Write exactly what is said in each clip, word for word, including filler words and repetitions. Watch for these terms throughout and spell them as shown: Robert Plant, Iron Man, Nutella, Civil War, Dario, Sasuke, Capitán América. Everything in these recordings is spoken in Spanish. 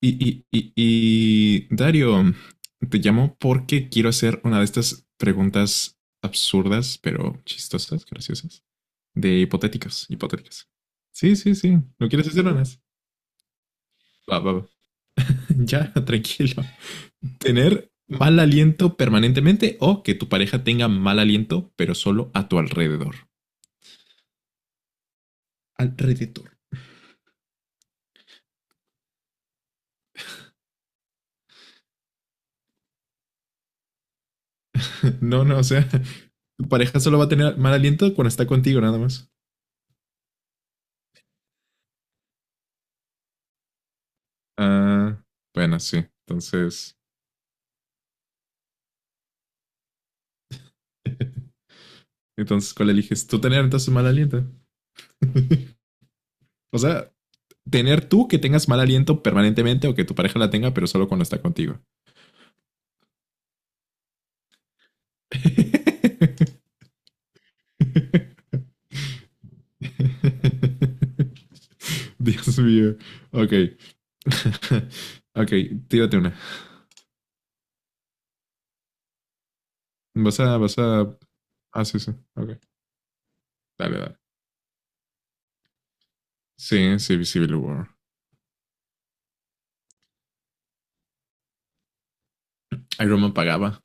Y, y, y, y Dario, te llamo porque quiero hacer una de estas preguntas absurdas, pero chistosas, graciosas, de hipotéticos, hipotéticas. Sí, sí, sí. ¿No quieres hacer unas? Va, va, va. Ya, tranquilo. Tener mal aliento permanentemente o que tu pareja tenga mal aliento, pero solo a tu alrededor. Alrededor. No, no, o sea, tu pareja solo va a tener mal aliento cuando está contigo, nada más. Ah, bueno, sí. Entonces, entonces, ¿cuál eliges? Tú tener entonces mal aliento. O sea, tener tú que tengas mal aliento permanentemente o que tu pareja la tenga, pero solo cuando está contigo. Dios mío. Ok. Ok, tírate una. Vas a, vas a. Ah, sí, sí. Ok. Dale, dale. Sí, sí, Civil War. Iron Man pagaba.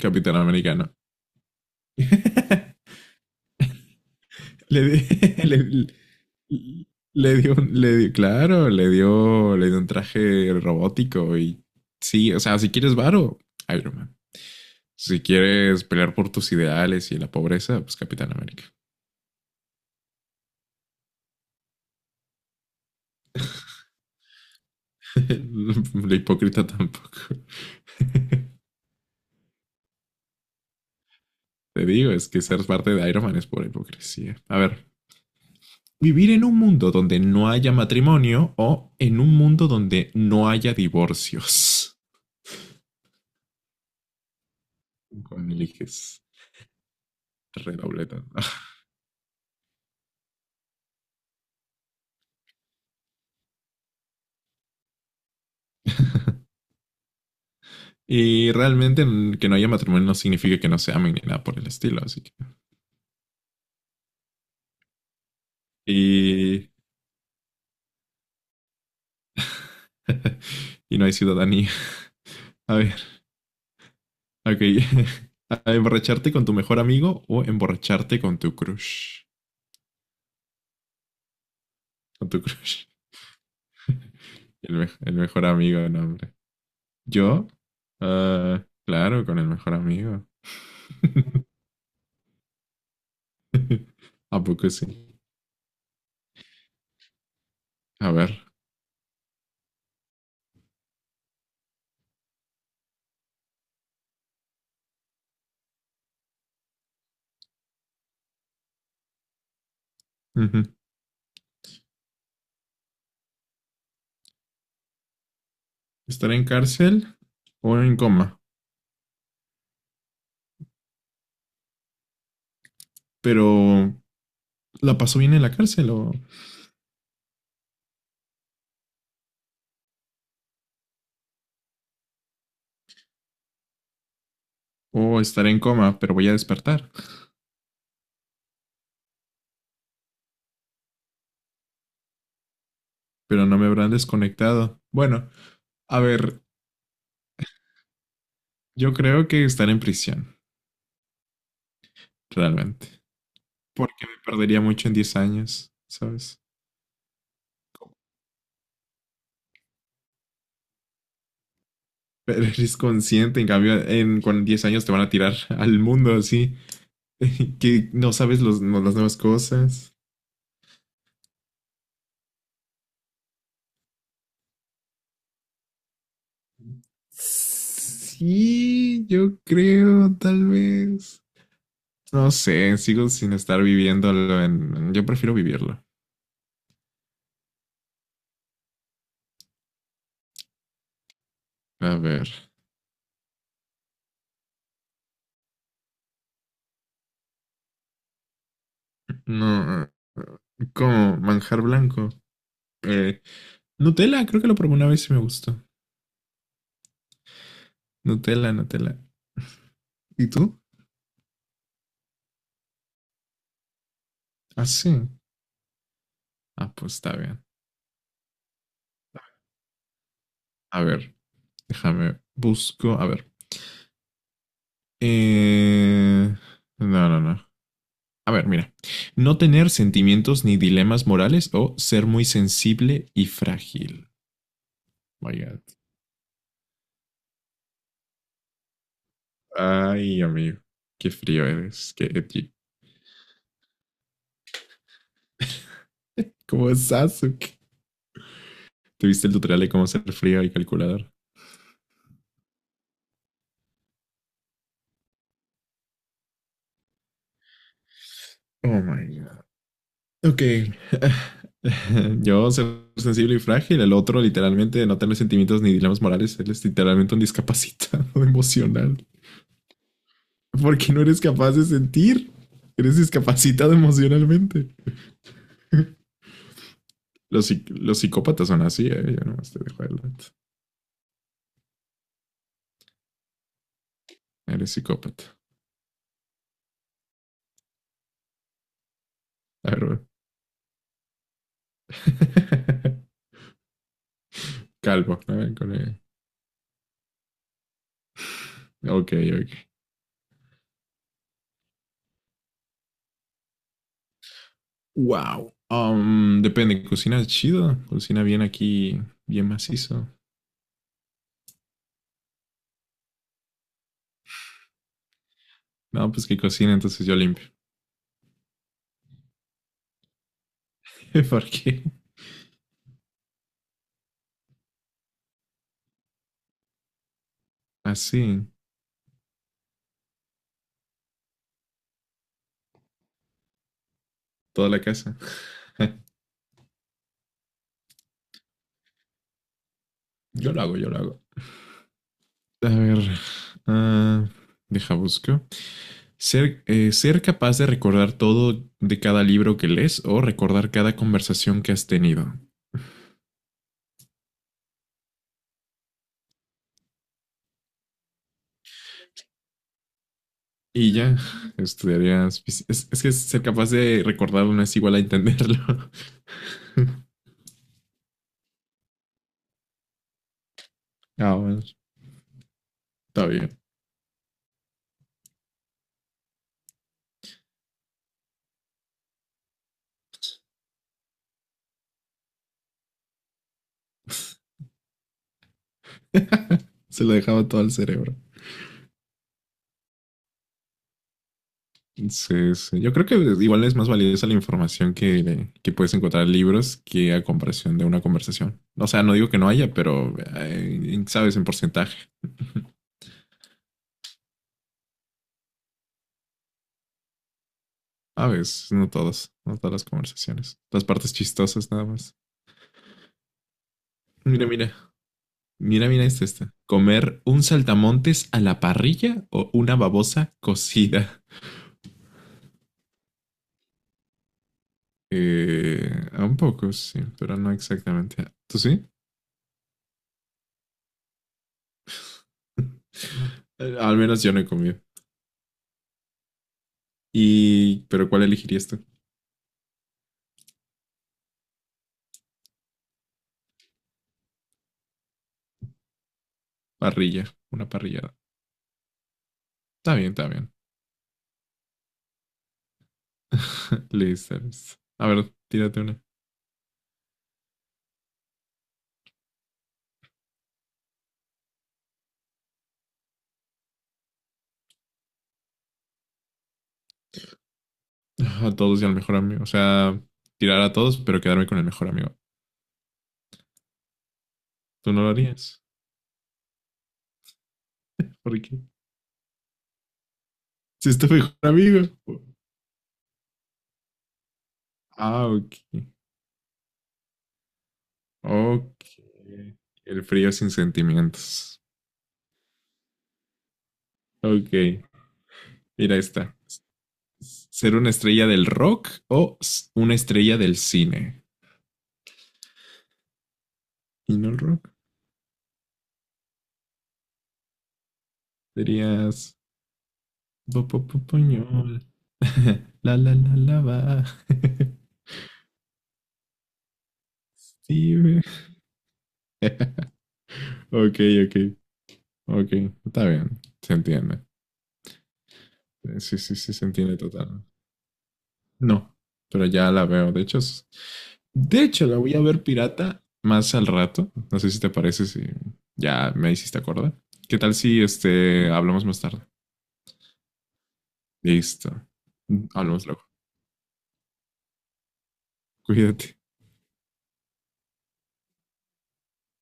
Capitán americano. Le, di- le, le, le dio, un- le dio, claro, le dio, le dio un traje robótico y sí, o sea, si quieres varo, Iron Man. Si quieres pelear por tus ideales y la pobreza, pues Capitán América. La hipócrita tampoco. Te digo, es que ser parte de Iron Man es por hipocresía. A ver, vivir en un mundo donde no haya matrimonio o en un mundo donde no haya divorcios. ¿Cuál eliges? Redobleta. Y realmente n- que no haya matrimonio no significa que no se amen ni nada por el estilo, así que. Y... y no hay ciudadanía. A ver, ok. ¿A emborracharte con tu mejor amigo o emborracharte con tu crush? Con tu crush. El, me- el mejor amigo, no, hombre. ¿Yo? Ah, claro, con el mejor amigo. ¿A poco sí? A ver. Ujú. ¿Estar en cárcel o en coma? Pero... ¿La pasó bien en la cárcel o? O estar en coma, pero voy a despertar. Pero no me habrán desconectado. Bueno, a ver, yo creo que estar en prisión, realmente. Porque me perdería mucho en diez años, ¿sabes? Pero eres consciente, en cambio, en con diez años te van a tirar al mundo así, que no sabes los, no, las nuevas cosas. Sí, yo creo, tal vez. No sé, sigo sin estar viviéndolo en. Yo prefiero vivirlo. A ver, no. Como manjar blanco. Eh, Nutella, creo que lo probé una vez y me gustó. Nutella, Nutella. ¿Y tú? Ah, sí. Ah, pues está bien. A ver, déjame, busco. A ver. Eh, No, no, no. A ver, mira. No tener sentimientos ni dilemas morales o ser muy sensible y frágil. Oh my God. Ay, amigo. Qué frío eres. Qué edgy. ¿Cómo es Sasuke? ¿Te viste el tutorial de cómo ser frío y calculador? Oh my God. Ok. Yo ser sensible y frágil, el otro literalmente no tener sentimientos ni dilemas morales, él es literalmente un discapacitado emocional. Porque no eres capaz de sentir, eres discapacitado emocionalmente. Los, psic- los psicópatas son así, ¿eh? Yo nomás te dejo adelante. Eres psicópata. A ver, bueno. Calvo. A ver, con el- Ok, ok. Wow. Um, depende, cocina chido, cocina bien aquí, bien macizo. No, pues que cocina, entonces yo limpio. Porque así, toda la casa. Yo lo hago, yo lo hago. A ver, ah, deja busco. Ser, eh, ser capaz de recordar todo de cada libro que lees o recordar cada conversación que has tenido. Y ya, estudiarías. Es, es que ser capaz de recordarlo no es igual a entenderlo. Ah, bueno, está bien. Se lo dejaba todo al cerebro. Sí, sí. Yo creo que igual es más valiosa la información que, que, puedes encontrar en libros que a comparación de una conversación. O sea, no digo que no haya, pero eh, sabes, en porcentaje. A veces, no todas, no todas las conversaciones. Las partes chistosas nada más. Mira, mira, mira, mira, este, este. ¿Comer un saltamontes a la parrilla o una babosa cocida? Eh, un poco, sí, pero no exactamente. ¿Tú sí? Al menos yo no he comido. Y, pero ¿cuál elegirías tú? Parrilla, una parrillada. Está bien, está bien. Listers. A ver, tírate una. A todos y al mejor amigo. O sea, tirar a todos, pero quedarme con el mejor amigo. ¿Tú no lo harías? ¿Por qué? Si es tu mejor amigo. Ah, ok. Ok. El frío sin sentimientos. Ok. Mira esta. ¿Ser una estrella del rock o una estrella del cine? ¿Y no el rock? Serías. Bo, bo, bo, poñol. La la la la va. Sí, güey. Ok, ok, ok. Está bien. Se entiende. Eh, Sí, sí, sí, se entiende total. No, pero ya la veo. De hecho, es- de hecho, la voy a ver pirata más al rato. No sé si te parece, si ya me hiciste acordar. ¿Qué tal si este hablamos más tarde? Listo. Hablamos luego. Cuídate.